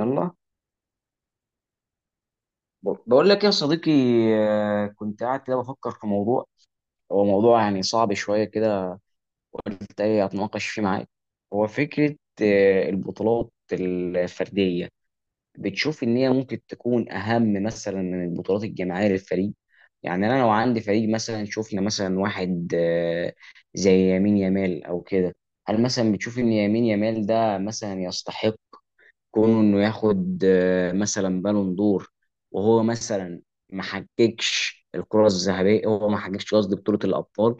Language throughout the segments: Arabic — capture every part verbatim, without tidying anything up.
يلا، ب- بقول لك يا صديقي. آه، كنت قاعد كده بفكر في موضوع. هو موضوع يعني صعب شوية كده، قلت ايه اتناقش فيه معاك. هو فكرة آه، البطولات الفردية، بتشوف ان هي ممكن تكون اهم مثلا من البطولات الجماعية للفريق؟ يعني انا لو عندي فريق، مثلا شفنا مثلا واحد آه، زي يمين يمال او كده، هل مثلا بتشوف ان يمين يمال ده مثلا يستحق كونه انه ياخد آه، مثلا بالون دور؟ وهو مثلا ما حققش الكرة الذهبية، هو ما حققش قصدي بطولة الأبطال.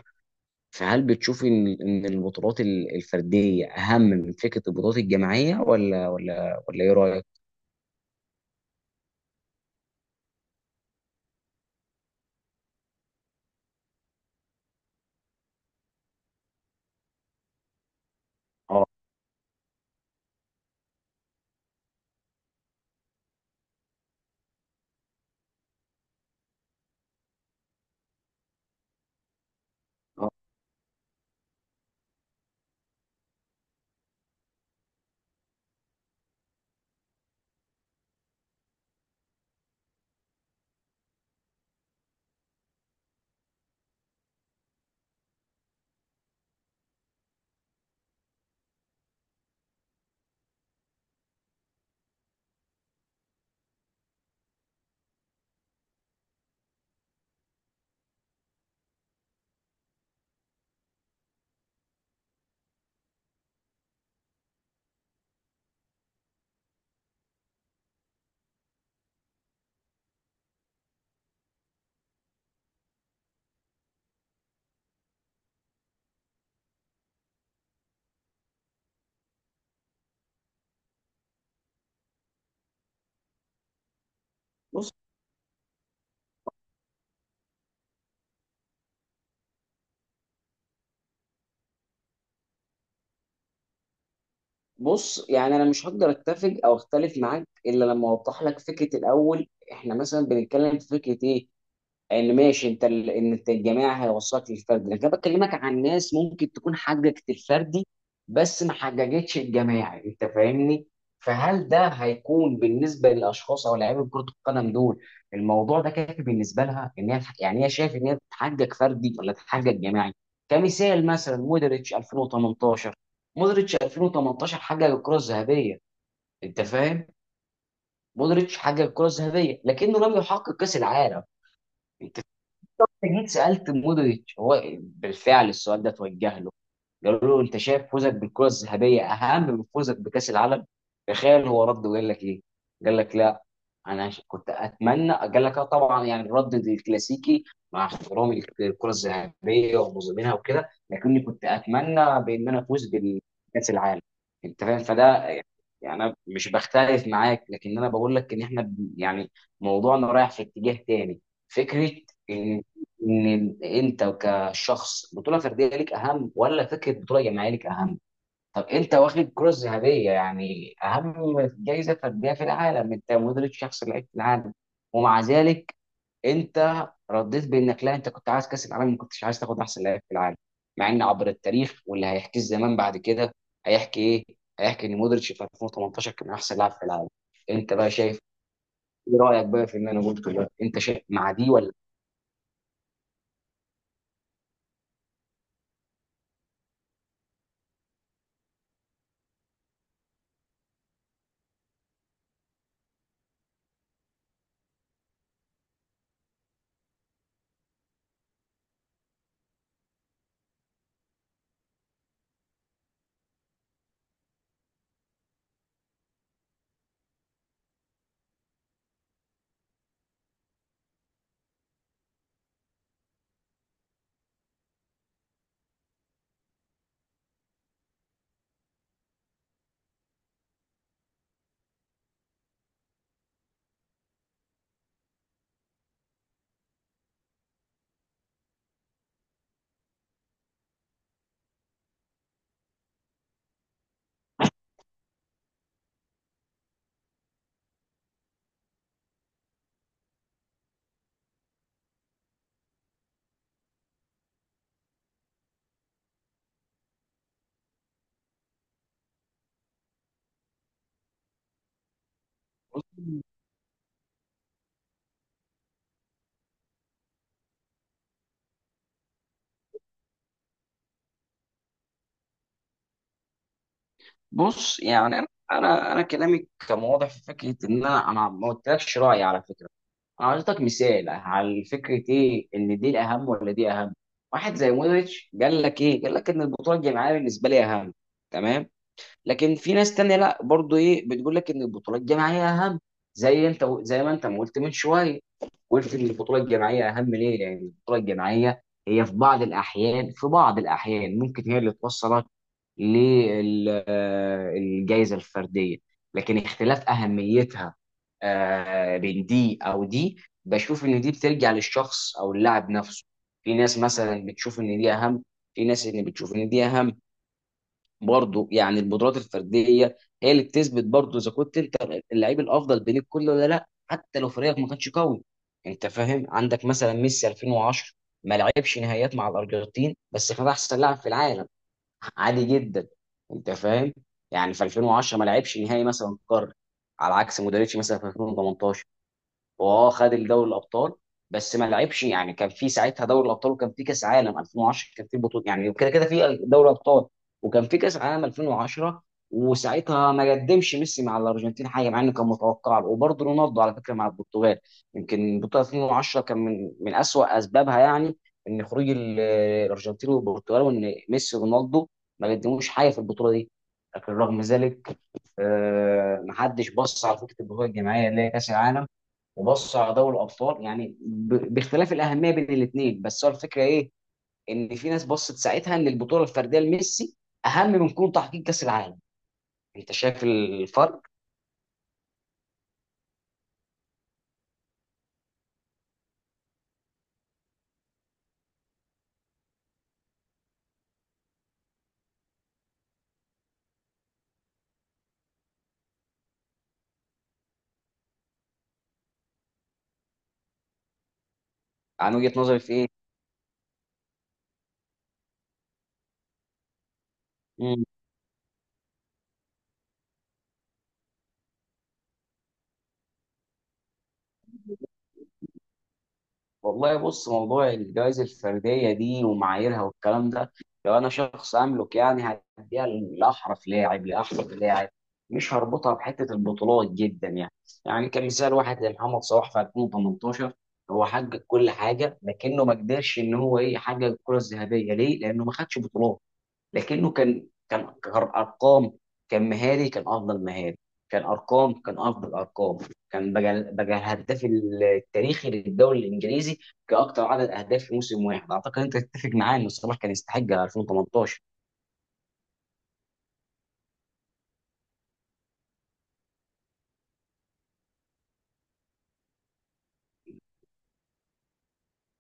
فهل بتشوف ان ان البطولات ال- الفردية أهم من فكرة البطولات الجماعية ولا ولا ولا إيه رأيك؟ اه. آه. بص بص يعني انا مش هقدر اتفق او اختلف معاك الا لما اوضح لك فكره. الاول احنا مثلا بنتكلم في فكره ايه؟ ان ماشي انت ال... ان انت الجماعي هيوصلك للفردي، لكن انا بكلمك عن ناس ممكن تكون حققت الفردي بس ما حققتش الجماعي، انت فاهمني؟ فهل ده هيكون بالنسبه للاشخاص او لاعيبه كره القدم دول الموضوع ده كافي بالنسبه لها، ان هي يعني هي شايف ان هي تحقق فردي ولا تحقق جماعي؟ كمثال مثلا مودريتش ألفين وتمنتاشر، مودريتش ألفين وتمنتاشر حقق الكره الذهبيه، انت فاهم؟ مودريتش حقق الكره الذهبيه لكنه لم يحقق كاس العالم. انت انت جيت سالت مودريتش، هو بالفعل السؤال ده توجه له، قالوا له انت شايف فوزك بالكره الذهبيه اهم من فوزك بكاس العالم؟ تخيل هو رد وقال لك ايه؟ قال لك لا. انا ش- كنت اتمنى، قال لك اه طبعا، يعني الرد الكلاسيكي مع احترامي للكره الذهبيه ومظلمينها وكده، لكني كنت اتمنى بان انا افوز بكاس العالم. انت فاهم فده؟ يعني انا مش بختلف معاك، لكن انا بقول لك ان احنا ب- يعني موضوعنا رايح في اتجاه تاني. فكره ان ان انت الشخص بطوله فرديه ليك اهم ولا فكره بطوله جماعيه ليك اهم. طب انت واخد كره ذهبيه، يعني اهم جائزه فرديه في العالم، انت مدرب شخص لعيب في العالم، ومع ذلك انت رديت بانك لا، انت كنت عايز كاس العالم، ما كنتش عايز تاخد احسن لاعب في العالم، مع ان عبر التاريخ واللي هيحكيه الزمان بعد كده، هيحكي ايه؟ هيحكي ان مودريتش في ألفين وتمنتاشر كان احسن لاعب في العالم. انت بقى شايف ايه رايك بقى في اللي انا قلته ده؟ انت شايف مع دي ولا؟ بص يعني انا انا انا كلامي كان واضح في فكره، ان انا انا ما قلتلكش رايي على فكره، انا اعطيتك مثال على فكره ايه، ان دي الاهم ولا دي اهم. واحد زي مودريتش قال لك ايه؟ قال لك ان البطوله الجماعيه بالنسبه لي اهم. تمام. لكن في ناس تانية لا، برضو ايه بتقول لك ان البطوله الجماعيه اهم، زي انت، زي ما انت ما قلت من شويه، قلت ان البطوله الجماعيه اهم. ليه؟ لان البطوله الجماعيه هي في بعض الاحيان، في بعض الاحيان، ممكن هي اللي توصلك للجائزه الفرديه. لكن اختلاف اهميتها آه، بين دي او دي، بشوف ان دي بترجع للشخص او اللاعب نفسه. في ناس مثلا بتشوف ان دي اهم، في ناس ان بتشوف ان دي اهم. برضه يعني القدرات الفرديه هي اللي بتثبت برضه اذا كنت انت اللعيب الافضل بين الكل ولا لا، حتى لو فريقك ما كانش قوي. انت فاهم؟ عندك مثلا ميسي ألفين وعشرة ما لعبش نهائيات مع الارجنتين، بس كان احسن لاعب في العالم عادي جدا. انت فاهم؟ يعني في ألفين وعشرة ما لعبش نهائي مثلا قارة، على عكس مودريتش مثلا في ألفين وتمنتاشر واه خد الدوري الابطال، بس ما لعبش. يعني كان في ساعتها دوري الابطال، وكان في كاس عالم ألفين وعشرة، كان في بطوله يعني كده كده في دوري ابطال، وكان في كاس عالم ألفين وعشرة، وساعتها ما قدمش ميسي مع الارجنتين حاجه مع انه كان متوقع له، وبرضه رونالدو على فكره مع البرتغال. يمكن بطوله ألفين وعشرة كان من من اسوأ اسبابها، يعني ان خروج ال- الارجنتين والبرتغال، وان ميسي ورونالدو ما قدموش حاجه في البطوله دي. لكن رغم ذلك آه، محدش بص على فكره البطوله الجماعيه اللي هي كاس العالم، وبصوا على دوري الابطال، يعني ب- باختلاف الاهميه بين الاثنين. بس هو الفكره ايه، ان في ناس بصت ساعتها ان البطوله الفرديه لميسي اهم من كون تحقيق كاس العالم. انت شايف الفرق؟ عن وجهه نظري في ايه؟ والله بص موضوع الجوائز الفردية دي ومعاييرها والكلام ده، لو أنا شخص أملك يعني هديها لأحرف لاعب، لأحرف لاعب، مش هربطها بحتة البطولات جدا يعني. يعني كمثال واحد زي محمد صلاح في ألفين وتمنتاشر، هو حقق كل حاجة لكنه ما قدرش إن هو إيه يحقق الكرة الذهبية. ليه؟ لأنه ما خدش بطولات. لكنه كان كان كارقام، كان مهاري كان افضل مهاري، كان ارقام كان افضل ارقام، كان بقى بقى الهداف التاريخي للدوري الانجليزي كاكثر عدد اهداف في موسم واحد. اعتقد انت تتفق معايا ان صلاح كان يستحق ألفين وثمانية عشر.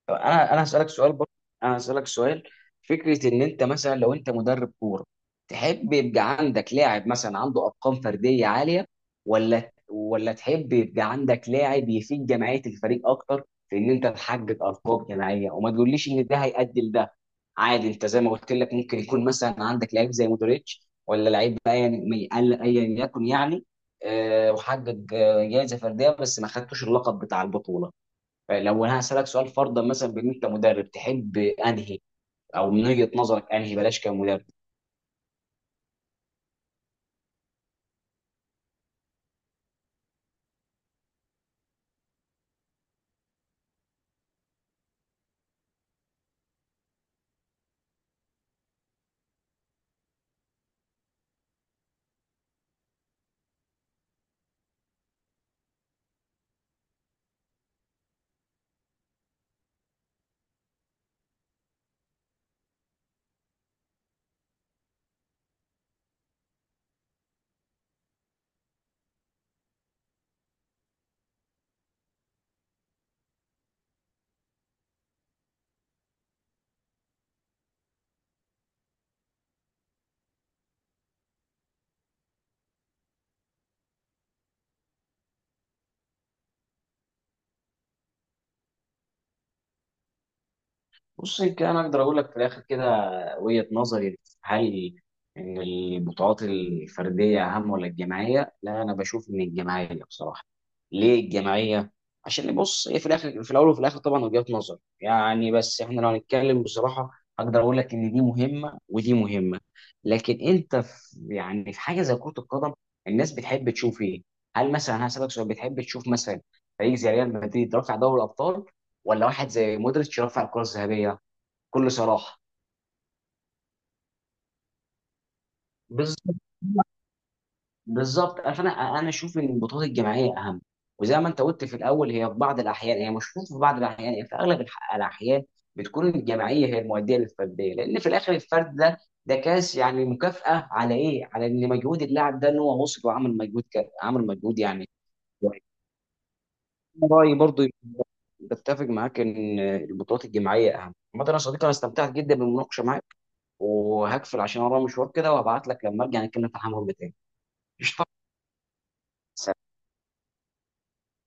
طب انا انا هسالك سؤال برضه، انا هسالك سؤال، فكره ان انت مثلا لو انت مدرب كوره، تحب يبقى عندك لاعب مثلا عنده ارقام فرديه عاليه ولا ولا تحب يبقى عندك لاعب يفيد جمعيه الفريق اكتر في ان انت تحقق ارقام جماعيه، وما تقوليش ان ده هيؤدي لده. عادي انت زي ما قلت لك ممكن يكون مثلا عندك لعيب زي مودريتش ولا لعيب ايا ايا يكن يعني، آه، وحقق آه، جائزه فرديه بس ما خدتوش اللقب بتاع البطوله. لو انا هسالك سؤال فرضا مثلا بان انت مدرب، تحب انهي او من وجهه نظرك انهي بلاش كمدرب؟ بص يمكن انا اقدر اقول لك في الاخر كده وجهة نظري، هل ان البطولات الفرديه اهم ولا الجماعيه؟ لا انا بشوف ان الجماعيه بصراحه. ليه الجماعيه؟ عشان بص هي في الاخر، في الاول وفي الاخر طبعا وجهة نظر يعني، بس احنا لو هنتكلم بصراحه اقدر اقول لك ان دي مهمه ودي مهمه. لكن انت في يعني في حاجه زي كره القدم، الناس بتحب تشوف ايه؟ هل مثلا هسألك سؤال، بتحب تشوف مثلا فريق زي ريال مدريد رافع دوري الابطال، ولا واحد زي مودريتش رافع الكره الذهبيه؟ بكل صراحه. بالظبط. بالظبط، فانا انا اشوف ان البطولات الجماعيه اهم. وزي ما انت قلت في الاول، هي في بعض الاحيان، هي مش في بعض الاحيان، هي في اغلب الح- الاحيان بتكون الجماعيه هي المؤديه للفرديه، لان في الاخر الفرد ده ده كاس يعني مكافاه على ايه؟ على ان مجهود اللاعب ده ان هو وصل وعمل مجهود ك- عمل مجهود يعني. كويس. أنا رايي برضو بتفق معاك ان البطولات الجماعيه اهم. عامه يا صديقي انا استمتعت جدا بالمناقشه معاك، وهقفل عشان ورايا مشوار كده، وهبعت لك لما ارجع نتكلم في الحمام تاني. قشطه. سلام.